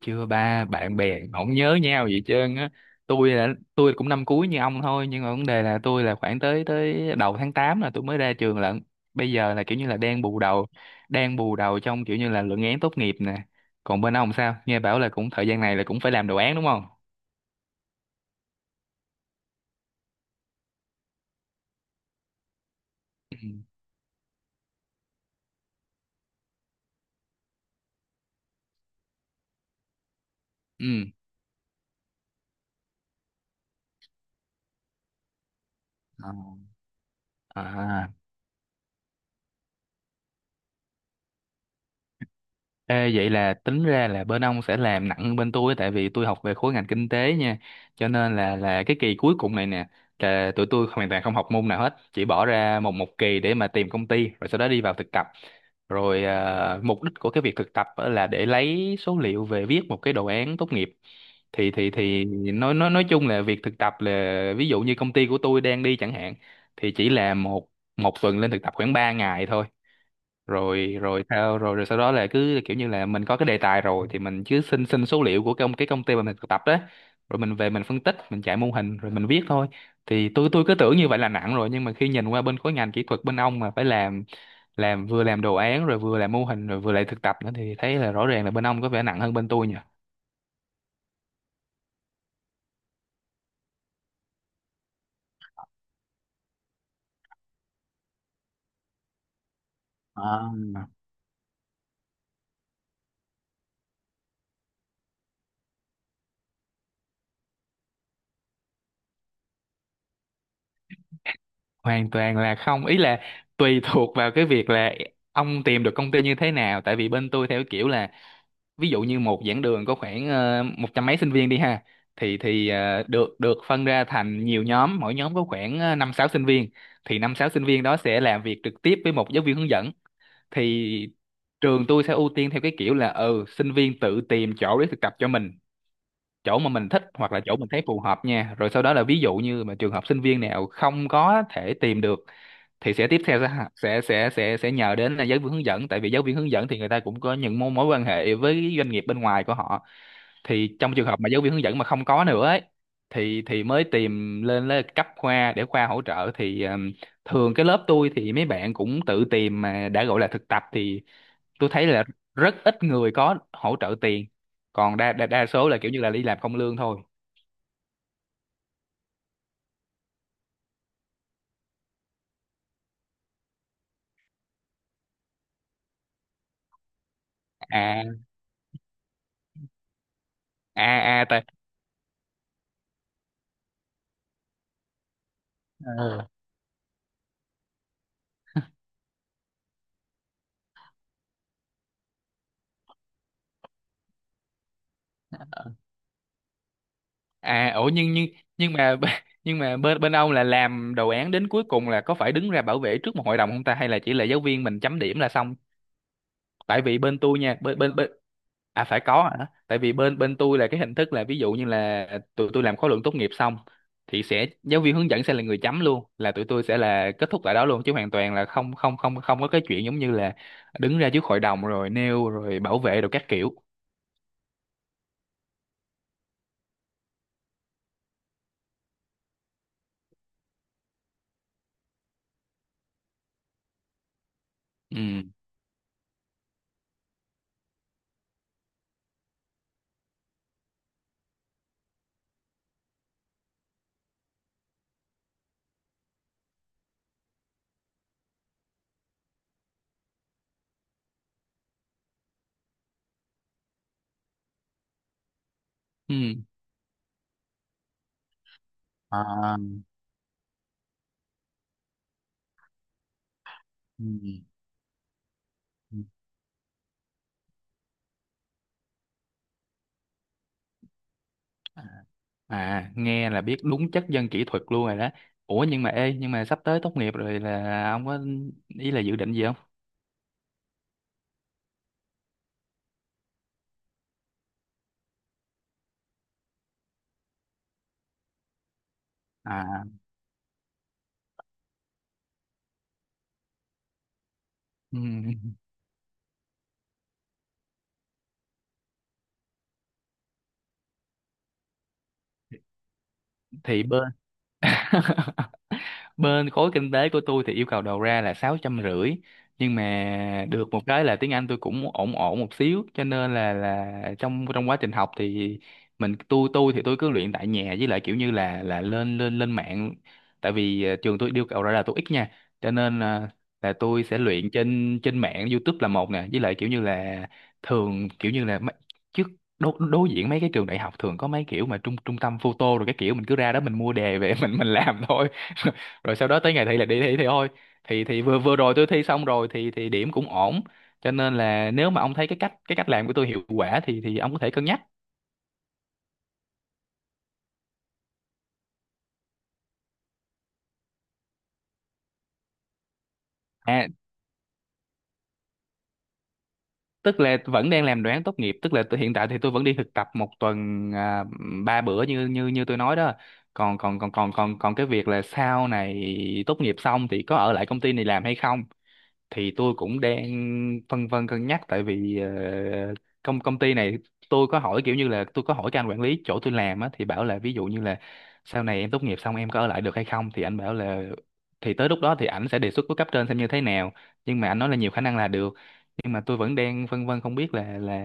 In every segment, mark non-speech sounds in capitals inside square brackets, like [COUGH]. Chưa, ba. Bạn bè không nhớ nhau gì hết trơn á. tôi là tôi cũng năm cuối như ông thôi, nhưng mà vấn đề là tôi là khoảng tới tới đầu tháng 8 là tôi mới ra trường lận. Bây giờ là kiểu như là đang bù đầu, đang bù đầu trong kiểu như là luận án tốt nghiệp nè. Còn bên ông sao, nghe bảo là cũng thời gian này là cũng phải làm đồ án đúng không? Ừ. Ừ. À, ê, vậy là tính ra là bên ông sẽ làm nặng hơn bên tôi, tại vì tôi học về khối ngành kinh tế nha. Cho nên là cái kỳ cuối cùng này nè là tụi tôi hoàn toàn không học môn nào hết, chỉ bỏ ra một một kỳ để mà tìm công ty rồi sau đó đi vào thực tập. Rồi, à, mục đích của cái việc thực tập á là để lấy số liệu về viết một cái đồ án tốt nghiệp. Thì nói chung là việc thực tập là, ví dụ như công ty của tôi đang đi chẳng hạn, thì chỉ là một một tuần lên thực tập khoảng 3 ngày thôi. Rồi rồi sao rồi rồi sau đó là cứ kiểu như là mình có cái đề tài rồi thì mình cứ xin xin số liệu của cái công ty mà mình thực tập đó, rồi mình về mình phân tích, mình chạy mô hình rồi mình viết thôi. Thì tôi cứ tưởng như vậy là nặng rồi, nhưng mà khi nhìn qua bên khối ngành kỹ thuật bên ông mà phải làm, vừa làm đồ án rồi vừa làm mô hình rồi vừa lại thực tập nữa, thì thấy là rõ ràng là bên ông có vẻ nặng hơn bên tôi nhỉ. Hoàn toàn là không, ý là tùy thuộc vào cái việc là ông tìm được công ty như thế nào, tại vì bên tôi theo kiểu là ví dụ như một giảng đường có khoảng một trăm mấy sinh viên đi ha. Thì được được phân ra thành nhiều nhóm, mỗi nhóm có khoảng 5 6 sinh viên. Thì 5 6 sinh viên đó sẽ làm việc trực tiếp với một giáo viên hướng dẫn. Thì trường tôi sẽ ưu tiên theo cái kiểu là, ừ, sinh viên tự tìm chỗ để thực tập cho mình, chỗ mà mình thích hoặc là chỗ mình thấy phù hợp nha, rồi sau đó là, ví dụ như mà trường hợp sinh viên nào không có thể tìm được, thì sẽ tiếp theo sẽ nhờ đến là giáo viên hướng dẫn, tại vì giáo viên hướng dẫn thì người ta cũng có những mối mối quan hệ với doanh nghiệp bên ngoài của họ. Thì trong trường hợp mà giáo viên hướng dẫn mà không có nữa ấy, thì mới tìm lên lên cấp khoa để khoa hỗ trợ. Thì thường cái lớp tôi thì mấy bạn cũng tự tìm, mà đã gọi là thực tập thì tôi thấy là rất ít người có hỗ trợ tiền, còn đa đa, đa số là kiểu như là đi làm không lương thôi. À, à, à. Tại. Ờ. À, ủa, nhưng mà b- nhưng mà bên bên ông là làm đồ án đến cuối cùng là có phải đứng ra bảo vệ trước một hội đồng không ta, hay là chỉ là giáo viên mình chấm điểm là xong? Tại vì bên tôi nha, bên bên bên, à, phải có hả? Tại vì bên bên tôi là cái hình thức là ví dụ như là tụi tôi làm khóa luận tốt nghiệp xong thì sẽ giáo viên hướng dẫn sẽ là người chấm luôn, là tụi tôi sẽ là kết thúc tại đó luôn, chứ hoàn toàn là không không không không có cái chuyện giống như là đứng ra trước hội đồng rồi nêu rồi bảo vệ rồi các kiểu. Ừ. Ừ. À, ừ. Ừ. À. À, nghe là biết đúng chất dân kỹ thuật luôn rồi đó. Ủa nhưng mà, ê, nhưng mà sắp tới tốt nghiệp rồi là ông có, ý là, dự định gì không? À, ừ, thì bên [LAUGHS] bên khối kinh tế của tôi thì yêu cầu đầu ra là 650. Nhưng mà được một cái là tiếng Anh tôi cũng ổn ổn một xíu, cho nên là trong trong quá trình học thì mình tôi thì tôi cứ luyện tại nhà, với lại kiểu như là lên lên lên mạng. Tại vì trường tôi yêu cầu ra là tôi ít nha, cho nên là tôi sẽ luyện trên trên mạng YouTube là một nè, với lại kiểu như là thường kiểu như là mấy- trước đối diện mấy cái trường đại học thường có mấy kiểu mà trung trung tâm photo, rồi cái kiểu mình cứ ra đó mình mua đề về [LAUGHS] mình làm thôi. Rồi sau đó tới ngày thi là đi thi thì thôi. Thì vừa vừa rồi tôi thi xong rồi thì điểm cũng ổn. Cho nên là nếu mà ông thấy cái cách làm của tôi hiệu quả thì ông có thể cân nhắc. À, tức là vẫn đang làm đoán tốt nghiệp, tức là hiện tại thì tôi vẫn đi thực tập một tuần, à, 3 bữa như như như tôi nói đó. Còn còn còn còn còn còn cái việc là sau này tốt nghiệp xong thì có ở lại công ty này làm hay không, thì tôi cũng đang phân vân cân nhắc, tại vì công công ty này tôi có hỏi kiểu như là, tôi có hỏi cái anh quản lý chỗ tôi làm á thì bảo là, ví dụ như là sau này em tốt nghiệp xong em có ở lại được hay không, thì anh bảo là thì tới lúc đó thì ảnh sẽ đề xuất với cấp trên xem như thế nào, nhưng mà anh nói là nhiều khả năng là được. Nhưng mà tôi vẫn đang phân vân, không biết là là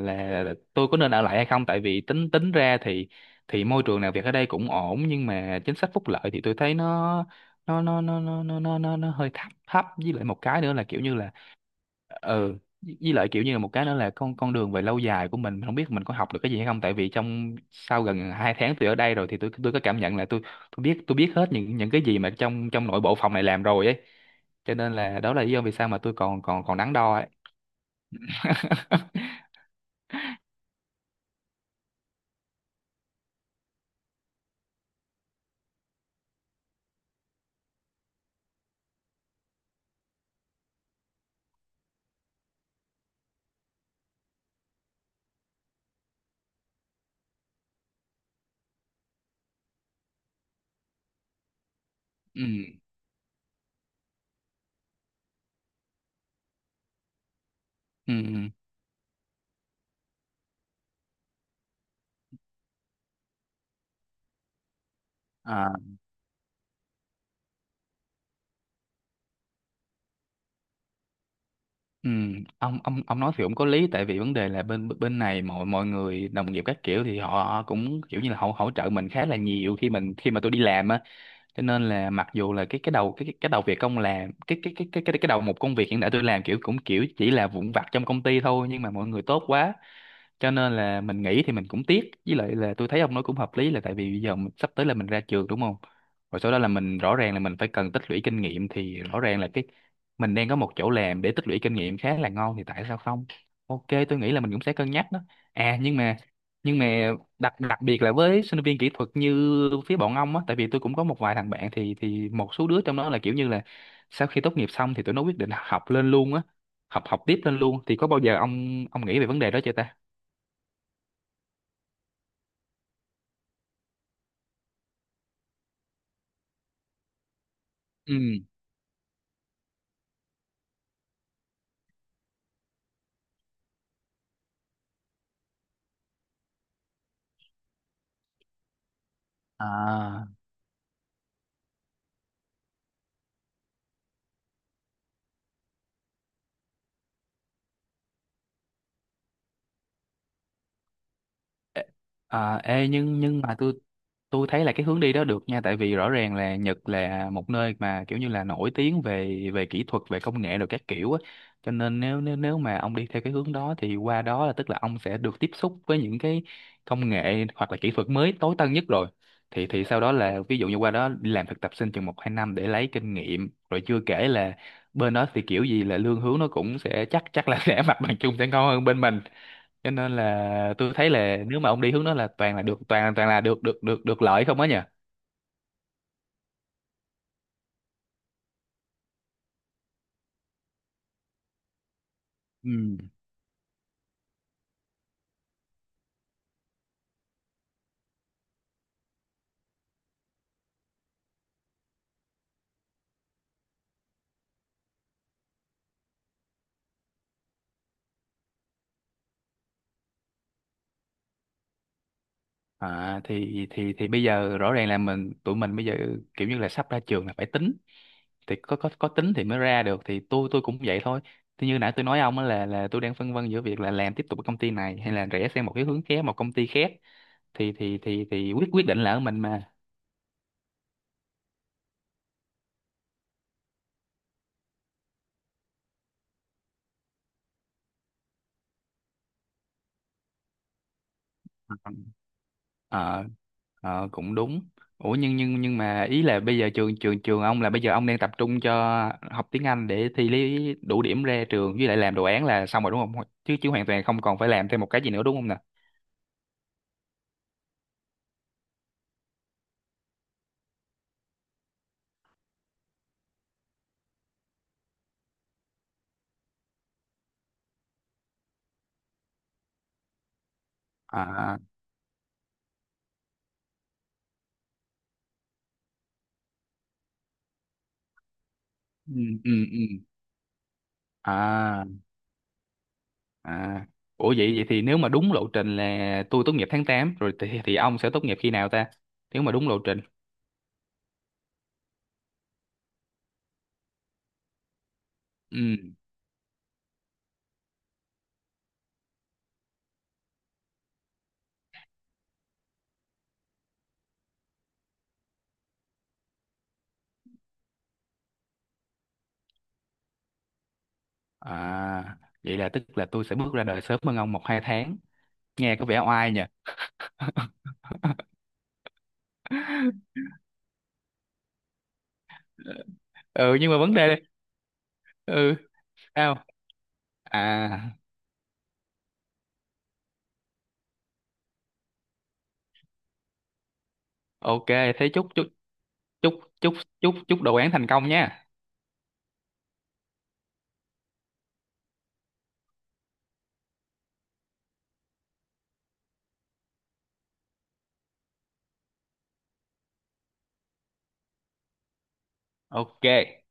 là, là tôi có nên ở lại hay không, tại vì tính tính ra thì môi trường làm việc ở đây cũng ổn, nhưng mà chính sách phúc lợi thì tôi thấy nó hơi thấp thấp, với lại một cái nữa là kiểu như là, ừ, với lại kiểu như là một cái nữa là con đường về lâu dài của mình không biết mình có học được cái gì hay không, tại vì trong sau gần 2 tháng tôi ở đây rồi thì tôi có cảm nhận là tôi biết hết những cái gì mà trong trong nội bộ phòng này làm rồi ấy, cho nên là đó là lý do vì sao mà tôi còn còn còn đắn đo ấy. [LAUGHS] Ừ. Ừ. À. Ừ, ông nói thì cũng có lý, tại vì vấn đề là bên bên này mọi mọi người đồng nghiệp các kiểu thì họ cũng kiểu như là họ hỗ trợ mình khá là nhiều, khi mình, khi mà tôi đi làm á, cho nên là mặc dù là cái đầu việc công làm cái một công việc hiện tại tôi làm kiểu cũng kiểu chỉ là vụn vặt trong công ty thôi, nhưng mà mọi người tốt quá, cho nên là mình nghỉ thì mình cũng tiếc, với lại là tôi thấy ông nói cũng hợp lý, là tại vì bây giờ mình, sắp tới là mình ra trường đúng không, rồi sau đó là mình rõ ràng là mình phải cần tích lũy kinh nghiệm, thì rõ ràng là cái mình đang có một chỗ làm để tích lũy kinh nghiệm khá là ngon, thì tại sao không? OK, tôi nghĩ là mình cũng sẽ cân nhắc đó. À, nhưng mà, nhưng mà đặc đặc biệt là với sinh viên kỹ thuật như phía bọn ông á, tại vì tôi cũng có một vài thằng bạn, thì một số đứa trong đó là kiểu như là sau khi tốt nghiệp xong thì tụi nó quyết định học lên luôn á, học học tiếp lên luôn. Thì có bao giờ ông nghĩ về vấn đề đó chưa ta? Ừ. À, ê- nhưng mà tôi thấy là cái hướng đi đó được nha, tại vì rõ ràng là Nhật là một nơi mà kiểu như là nổi tiếng về về kỹ thuật, về công nghệ rồi các kiểu á, cho nên nếu nếu nếu mà ông đi theo cái hướng đó thì qua đó là, tức là ông sẽ được tiếp xúc với những cái công nghệ hoặc là kỹ thuật mới tối tân nhất rồi. Thì sau đó là ví dụ như qua đó đi làm thực tập sinh chừng 1 2 năm để lấy kinh nghiệm, rồi chưa kể là bên đó thì kiểu gì là lương hướng nó cũng sẽ chắc chắc là [LAUGHS] sẽ, mặt bằng chung sẽ ngon hơn bên mình, cho nên là tôi thấy là nếu mà ông đi hướng đó là toàn là được toàn toàn là được được lợi không á nhỉ. Ừ. À, thì bây giờ rõ ràng là mình, tụi mình bây giờ kiểu như là sắp ra trường là phải tính, thì có tính thì mới ra được, thì tôi cũng vậy thôi. Thì như nãy tôi nói ông á, là tôi đang phân vân giữa việc là làm tiếp tục ở công ty này hay là rẽ sang một cái hướng khác, một công ty khác, thì quyết quyết định là ở mình mà. ờ ờ, Cũng đúng. Ủa nhưng mà ý là bây giờ trường trường trường ông là bây giờ ông đang tập trung cho học tiếng Anh để thi lý đủ điểm ra trường, với lại làm đồ án là xong rồi đúng không, chứ chứ hoàn toàn không còn phải làm thêm một cái gì nữa đúng không nè? À, ừ, ừ, ừ, à, à. Ủa, vậy vậy thì nếu mà đúng lộ trình là tôi tốt nghiệp tháng 8 rồi, thì ông sẽ tốt nghiệp khi nào ta, nếu mà đúng lộ trình? Ừ, à, vậy là tức là tôi sẽ bước ra đời sớm hơn ông 1 2 tháng, nghe có vẻ oai nhỉ. Ừ, nhưng mà vấn đề đây. [LAUGHS] Ừ. Sao? À. OK, thế chúc chúc chúc chúc chúc chúc đồ án thành công nha. OK.